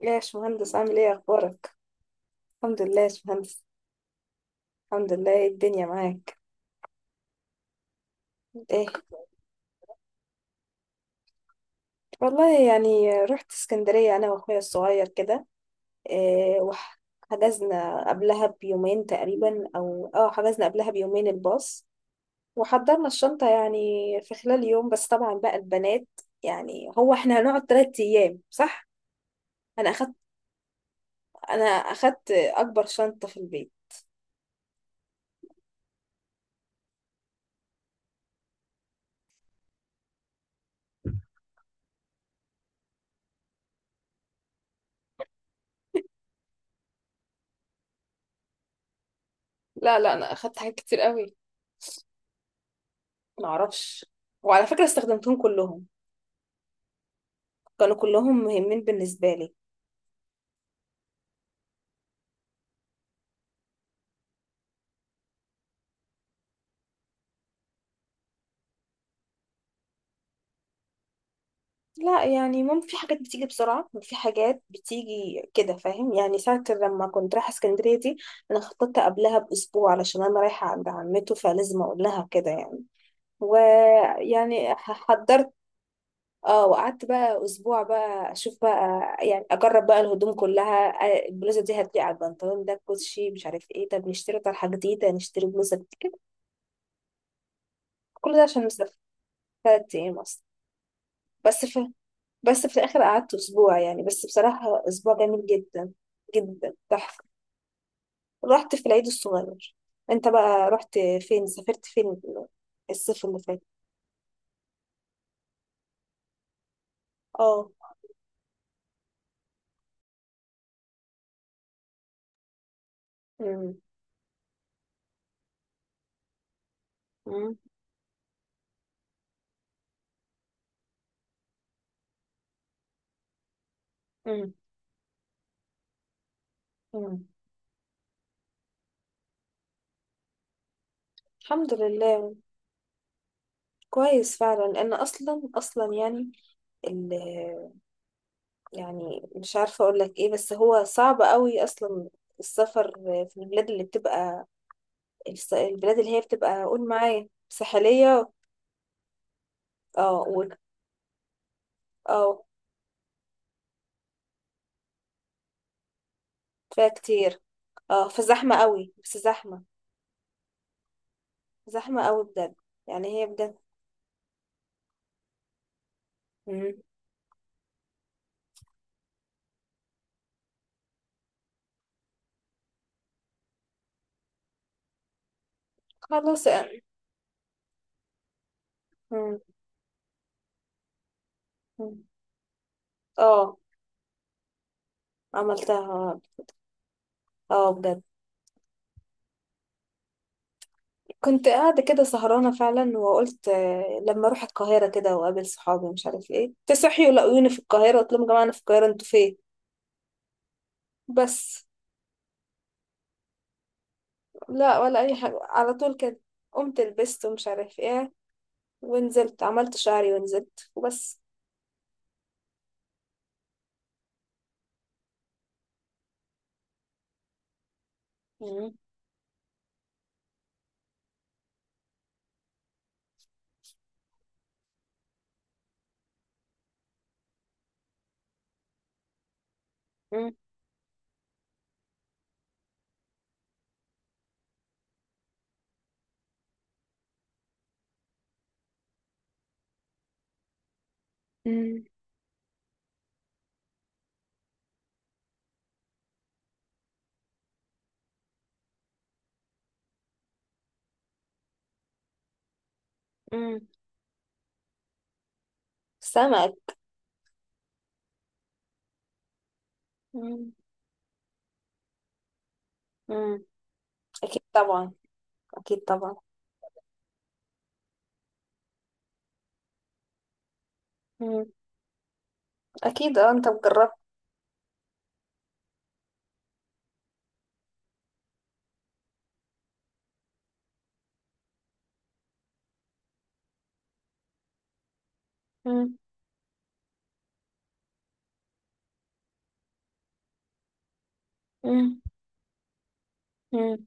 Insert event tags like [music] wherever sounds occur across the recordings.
يا باشمهندس عامل ايه اخبارك؟ الحمد لله يا باشمهندس. الحمد لله، إيه الدنيا معاك؟ ايه؟ والله يعني رحت اسكندرية انا واخويا الصغير كده. إيه، وحجزنا قبلها بيومين تقريبا، او اه حجزنا قبلها بيومين الباص. وحضرنا الشنطة يعني في خلال يوم، بس طبعا بقى البنات. يعني هو احنا هنقعد تلات ايام صح؟ انا اخدت انا اخدت اكبر شنطة في البيت. لا لا، انا اخدت حاجات كتير قوي. معرفش. وعلى فكرة استخدمتهم كلهم، كانوا كلهم مهمين بالنسبة لي. لا، يعني ممكن في حاجات بتيجي بسرعة وفي حاجات بتيجي كده، فاهم؟ يعني ساعة لما كنت رايحة اسكندرية دي، أنا خططت قبلها بأسبوع علشان أنا رايحة عند عمته، فلازم أقول لها كده يعني، ويعني حضرت. اه، وقعدت بقى اسبوع بقى اشوف بقى، يعني اجرب بقى الهدوم كلها. البلوزه دي هتليق على البنطلون ده، الكوتشي مش عارف ايه، طب نشتري طرحه جديده، نشتري بلوزه كده. كل ده عشان مسافر ثلاث ايام اصلا. بس في بس في الآخر قعدت أسبوع يعني، بس بصراحة أسبوع جميل جدا، جدا تحفة. رحت في العيد الصغير. أنت بقى رحت فين؟ سافرت فين الصيف اللي فات؟ اه. أمم، أمم، أمم، أمم. الحمد لله. كويس فعلا، لأن أصلا أصلا يعني ال يعني مش عارفة أقول لك إيه، بس هو صعب قوي أصلا السفر في البلاد اللي بتبقى، البلاد اللي هي بتبقى، قول معايا ساحلية. اه اه فيها كتير. اه، فزحمة قوي، بس زحمة، زحمة قوي بجد. يعني هي بجد. مم. خلاص يعني. مم. مم. اه، عملتها. اه بجد. كنت قاعدة كده سهرانة فعلا، وقلت لما اروح القاهرة كده واقابل صحابي مش عارف ايه، تصحي ولاقوني في القاهرة، قلت لهم يا جماعة انا في القاهرة انتوا فين. بس. لا ولا اي حاجة على طول كده. قمت لبست ومش عارف ايه، ونزلت عملت شعري ونزلت وبس. مم. مم. مم. مم. سمك. مم. مم. أكيد طبعا. أكيد طبعا. مم. أكيد أه، أنت مجربت. مم. مم. مم.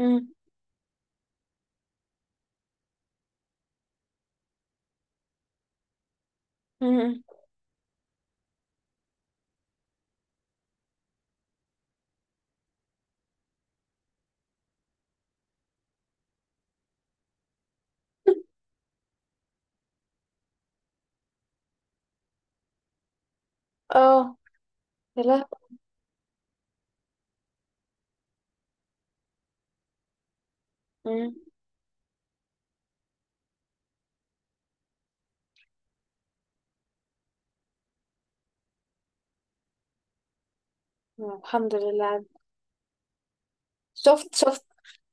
مم. مم. اه. يا لهوي. مم. الحمد لله. شفت، شفت،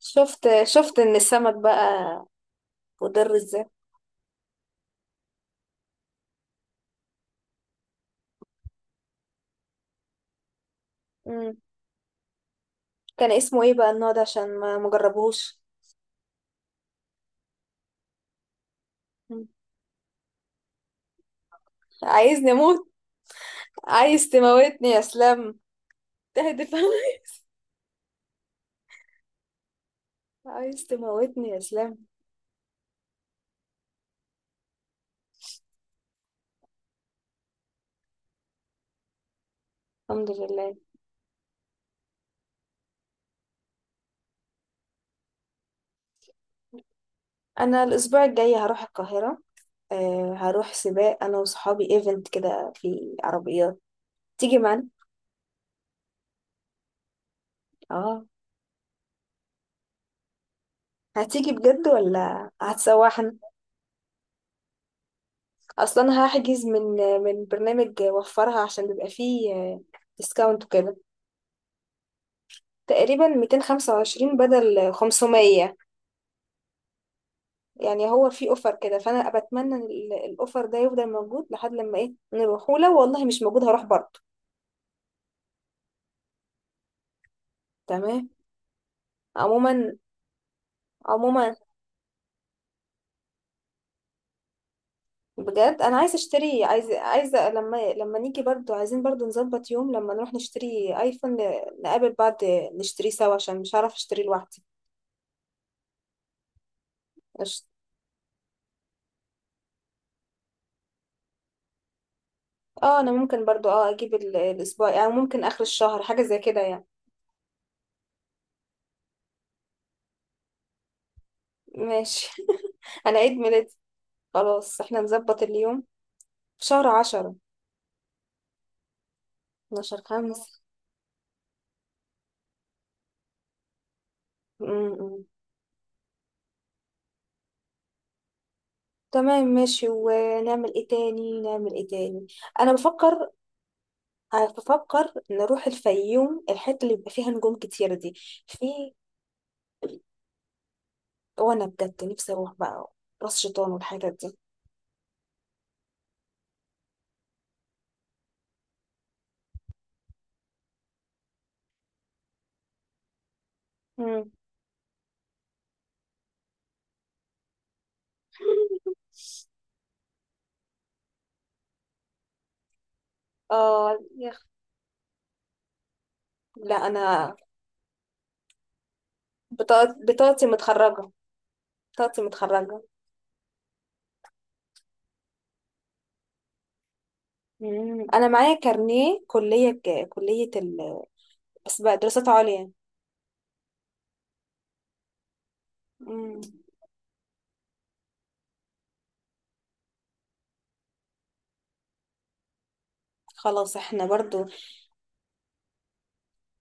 شفت، شفت ان السمك بقى مضر ازاي؟ مم. كان اسمه ايه بقى النوع ده عشان ما مجربهوش؟ مم. عايزني اموت؟ عايز تموتني يا اسلام. تهدف. [laughs] عايز تموتني يا اسلام. الحمد لله. انا الاسبوع الجاي هروح القاهرة. آه، هروح سباق انا وصحابي، ايفنت كده في عربيات. تيجي معانا؟ اه. هتيجي بجد ولا هتسوحنا؟ اصلا هحجز من برنامج وفرها عشان بيبقى فيه ديسكاونت وكده، تقريبا 225 بدل 500، يعني هو في اوفر كده، فانا بتمنى إن الاوفر ده يفضل موجود لحد لما ايه نروح، ولو والله مش موجود هروح برضه. تمام. عموما. عموما. بجد انا عايزه اشتري، عايزه عايزه لما نيجي برضو، عايزين برضو نظبط يوم لما نروح نشتري ايفون، نقابل بعض، نشتري سوا عشان مش هعرف اشتري لوحدي. أش-. اه، انا ممكن برضو، اجيب الاسبوع، يعني ممكن اخر الشهر حاجه زي كده يعني. ماشي. [laughs] انا عيد ميلادي، خلاص احنا نظبط اليوم، في شهر عشرة. 12 خمسة. م- م. تمام ماشي، ونعمل ايه تاني؟ نعمل ايه تاني؟ انا بفكر. أنا بفكر نروح الفيوم، الحتة اللي بيبقى فيها نجوم كتير دي. في. وأنا بجد نفسي أروح بقى راس شيطان والحتت دي. مم. [laughs] اه، يا أخي. لا، أنا بطاقتي متخرجة. بطاقتي متخرجة. مم. أنا معايا كارنيه كلية، كلية بس بقى دراسات عليا. مم. خلاص احنا برضو،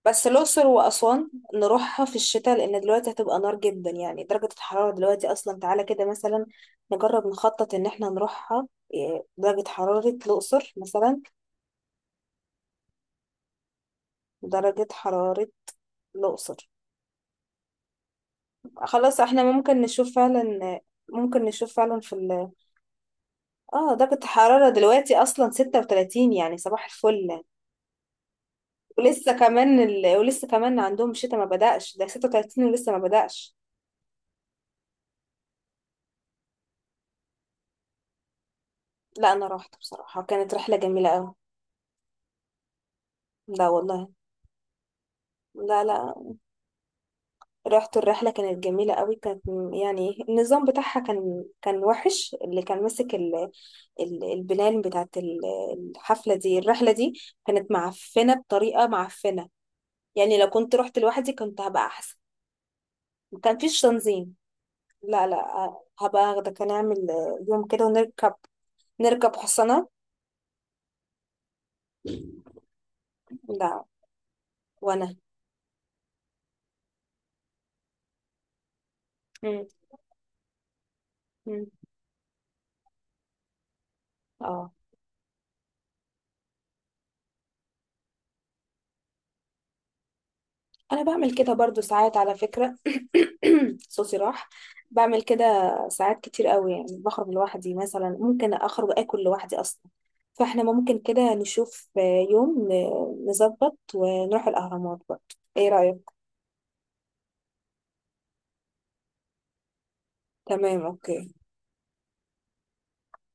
بس الأقصر وأسوان نروحها في الشتاء، لأن دلوقتي هتبقى نار جدا، يعني درجة الحرارة دلوقتي أصلا، تعالى كده مثلا نجرب نخطط إن احنا نروحها. درجة حرارة الأقصر مثلا، درجة حرارة الأقصر. خلاص احنا ممكن نشوف فعلا، ممكن نشوف فعلا في ال اه درجة الحرارة دلوقتي أصلا 36، يعني صباح الفل. ولسه كمان ولسه كمان عندهم شتاء ما بدأش، ده 36 ولسه ما بدأش. لا، أنا روحت بصراحة، كانت رحلة جميلة أوي. لا والله. لا لا، رحت الرحلة كانت جميلة قوي، كانت يعني النظام بتاعها كان وحش، اللي كان ماسك البلان بتاعت الحفلة دي الرحلة دي، كانت معفنة بطريقة معفنة، يعني لو كنت رحت لوحدي كنت هبقى أحسن، ما كان فيش تنظيم. لا لا، هبقى أخدك، هنعمل يوم كده ونركب، نركب حصنة. لا. وأنا. مم. مم. اه، انا بعمل كده برضو ساعات على فكرة. [coughs] [clears throat] صوصي راح. بعمل كده ساعات كتير قوي، يعني بخرج لوحدي مثلا، ممكن اخرج اكل لوحدي اصلا. فاحنا ممكن كده نشوف يوم نظبط ونروح الاهرامات برضو، ايه رأيك؟ تمام اوكي.